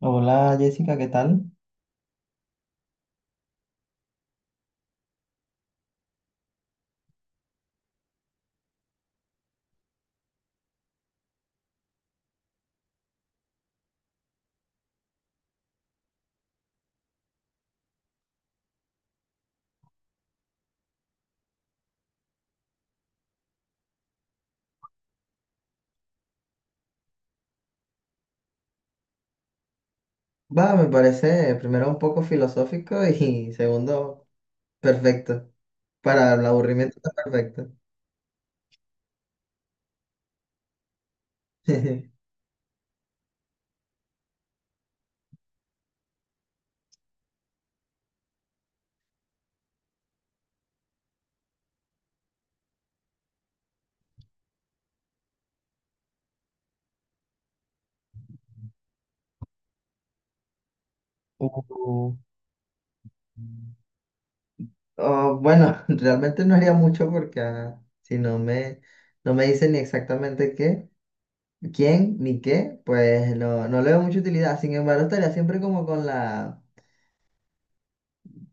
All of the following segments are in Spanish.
Hola Jessica, ¿qué tal? Va, me parece primero un poco filosófico y segundo perfecto. Para el aburrimiento está perfecto. Uh, Oh, bueno, realmente no haría mucho porque si no me, no me dice ni exactamente qué, quién, ni qué, pues no, no le veo mucha utilidad. Sin embargo, estaría siempre como con la...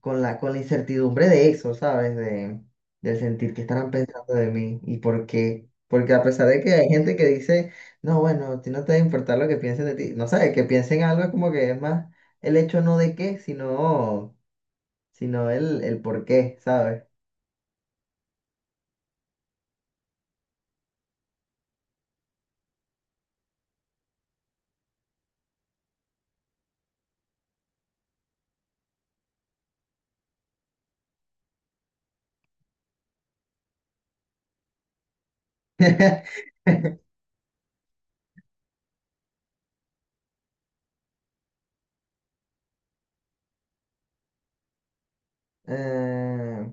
con la, con la incertidumbre de eso, ¿sabes? De, del sentir que estarán pensando de mí y por qué. Porque a pesar de que hay gente que dice, no, bueno, a ti no te debe importar lo que piensen de ti, no sabes, que piensen algo es como que es más el hecho no de qué, sino, sino el por qué, ¿sabes? Eh,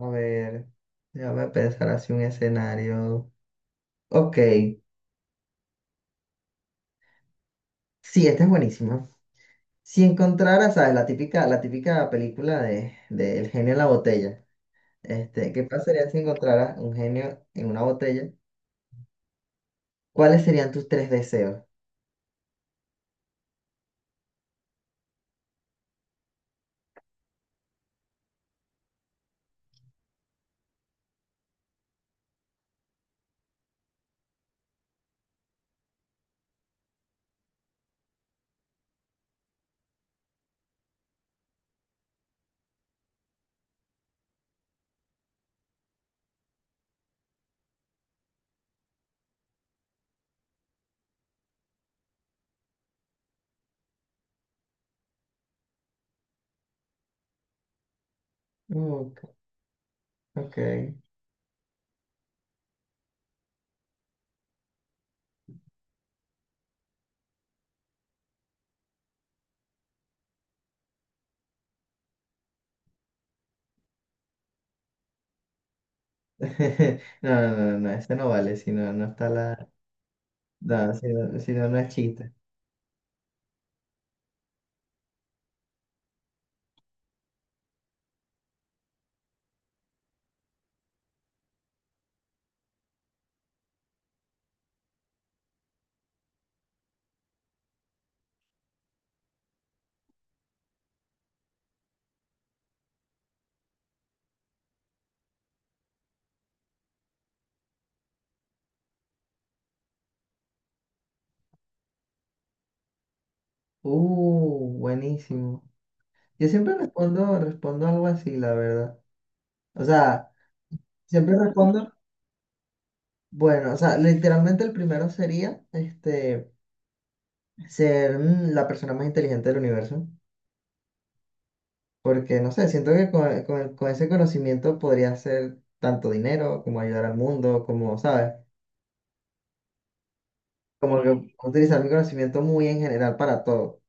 a ver, déjame pensar así un escenario. Ok, sí, este es buenísimo. Si encontraras, ¿sabes? La típica película de El genio en la botella. Este, ¿qué pasaría si encontraras un genio en una botella? ¿Cuáles serían tus tres deseos? Uh, ok. No, no, no, no, ese no vale, si no, no está la... No, si no, si no, no es chiste. Buenísimo. Yo siempre respondo, respondo algo así, la verdad. O sea, siempre respondo, bueno, o sea, literalmente el primero sería, este, ser la persona más inteligente del universo. Porque, no sé, siento que con, con ese conocimiento podría hacer tanto dinero como ayudar al mundo, como, ¿sabes? Como que sí, utilizar mi conocimiento muy en general para todo.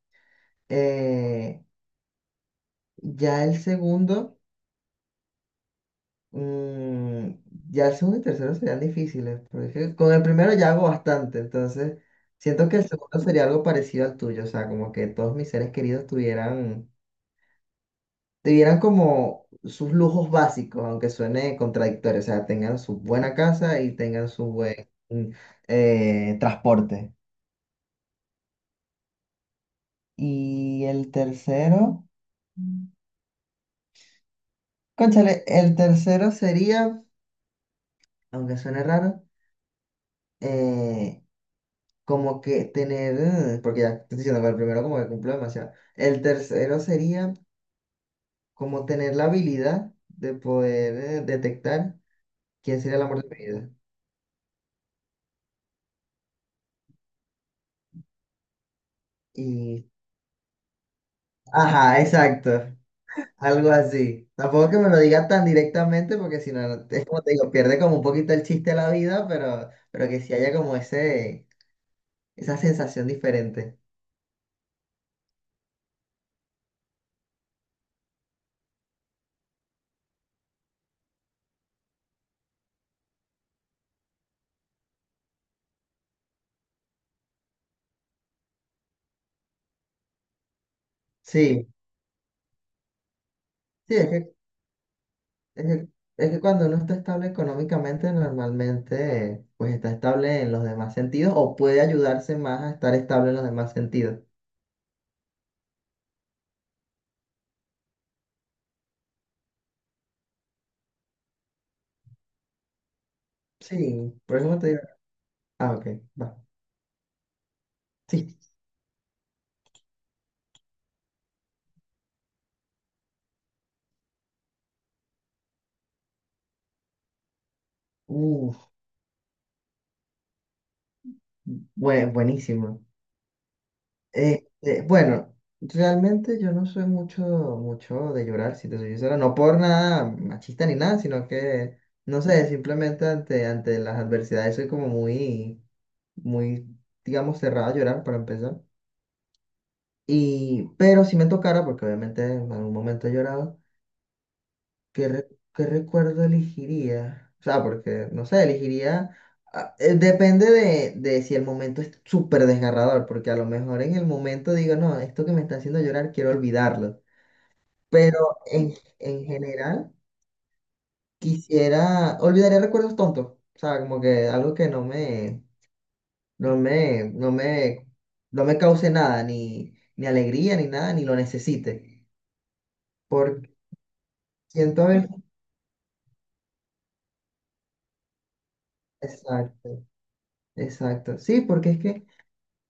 Eh, ya el segundo, mm, ya el segundo y tercero serían difíciles, porque es que con el primero ya hago bastante, entonces siento que el segundo sería algo parecido al tuyo, o sea, como que todos mis seres queridos tuvieran, debieran como sus lujos básicos, aunque suene contradictorio, o sea, tengan su buena casa y tengan su buen transporte. Y el tercero, cónchale, el tercero sería, aunque suene raro, eh, como que tener, porque ya te estoy diciendo que el primero como que cumplo demasiado. El tercero sería como tener la habilidad de poder detectar quién sería el amor de mi vida. Y, ajá, exacto. Algo así. Tampoco es que me lo diga tan directamente, porque si no, es como te digo, pierde como un poquito el chiste de la vida, pero que sí haya como ese, esa sensación diferente. Sí, sí, es que, es que, es que cuando uno está estable económicamente, normalmente pues está estable en los demás sentidos o puede ayudarse más a estar estable en los demás sentidos. Sí, por eso te digo. Ah, ok, va. Sí. Uf, buenísimo. Bueno, realmente yo no soy mucho, mucho de llorar, si te soy sincero, no por nada machista ni nada, sino que, no sé, simplemente ante, ante las adversidades soy como muy, muy, digamos, cerrada a llorar para empezar. Y, pero si me tocara, porque obviamente en algún momento he llorado, ¿qué, qué recuerdo elegiría? O sea, porque, no sé, elegiría... depende de si el momento es súper desgarrador, porque a lo mejor en el momento digo, no, esto que me está haciendo llorar quiero olvidarlo. Pero en, en general quisiera... Olvidaría recuerdos tontos. O sea, como que algo que no me... No me... No me... No me cause nada, ni, ni alegría, ni nada, ni lo necesite. Porque siento haber... Exacto, exacto. Sí, porque es que...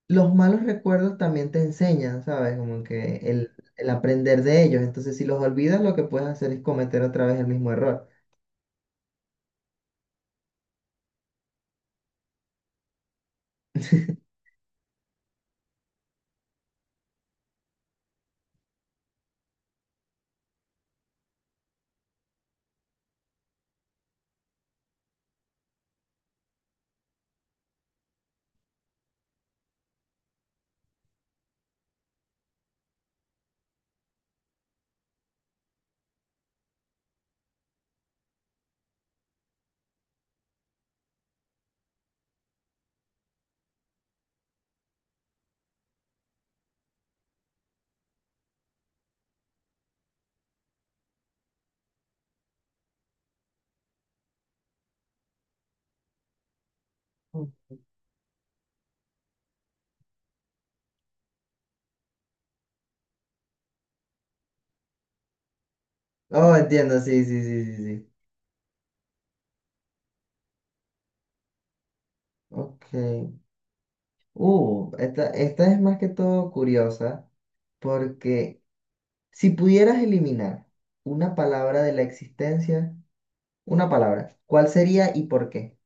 los malos recuerdos también te enseñan, ¿sabes? Como que el aprender de ellos. Entonces, si los olvidas, lo que puedes hacer es cometer otra vez el mismo error. Mm. Oh, entiendo, sí, sí, sí, sí, sí. Ok. Esta, esta es más que todo curiosa porque si pudieras eliminar una palabra de la existencia, una palabra, ¿cuál sería y por qué?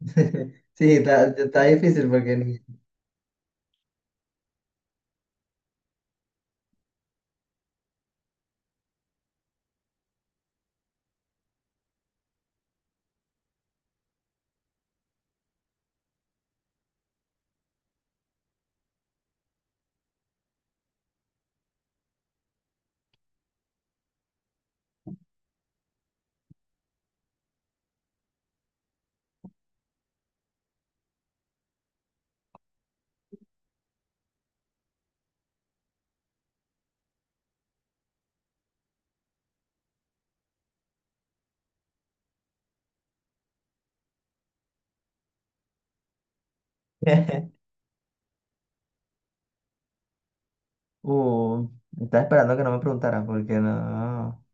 Sí, está, está difícil porque ni... Uh, estaba esperando que no me preguntaras porque no.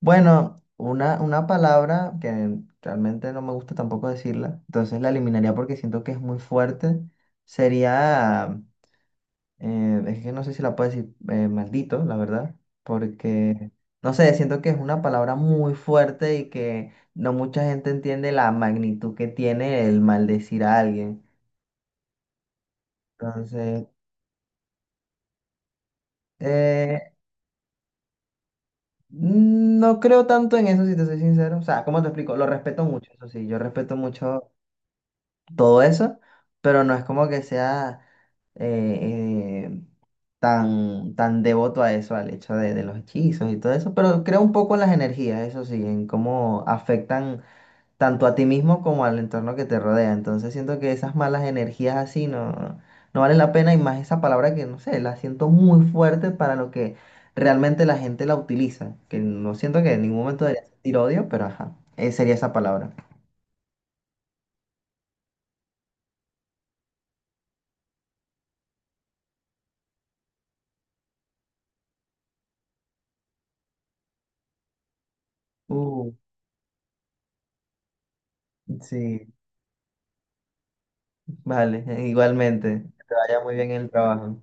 Bueno, una palabra que realmente no me gusta tampoco decirla, entonces la eliminaría porque siento que es muy fuerte, sería, es que no sé si la puedo decir maldito, la verdad, porque, no sé, siento que es una palabra muy fuerte y que no mucha gente entiende la magnitud que tiene el maldecir a alguien. Entonces, eh, no creo tanto en eso, si te soy sincero. O sea, ¿cómo te explico? Lo respeto mucho, eso sí, yo respeto mucho todo eso, pero no es como que sea eh, eh, tan, tan devoto a eso, al hecho de los hechizos y todo eso, pero creo un poco en las energías, eso sí, en cómo afectan tanto a ti mismo como al entorno que te rodea. Entonces siento que esas malas energías así no, no valen la pena y más esa palabra que, no sé, la siento muy fuerte para lo que realmente la gente la utiliza, que no siento que en ningún momento debería sentir odio, pero ajá, sería esa palabra. Uh, sí. Vale, igualmente. Que te vaya muy bien en el trabajo.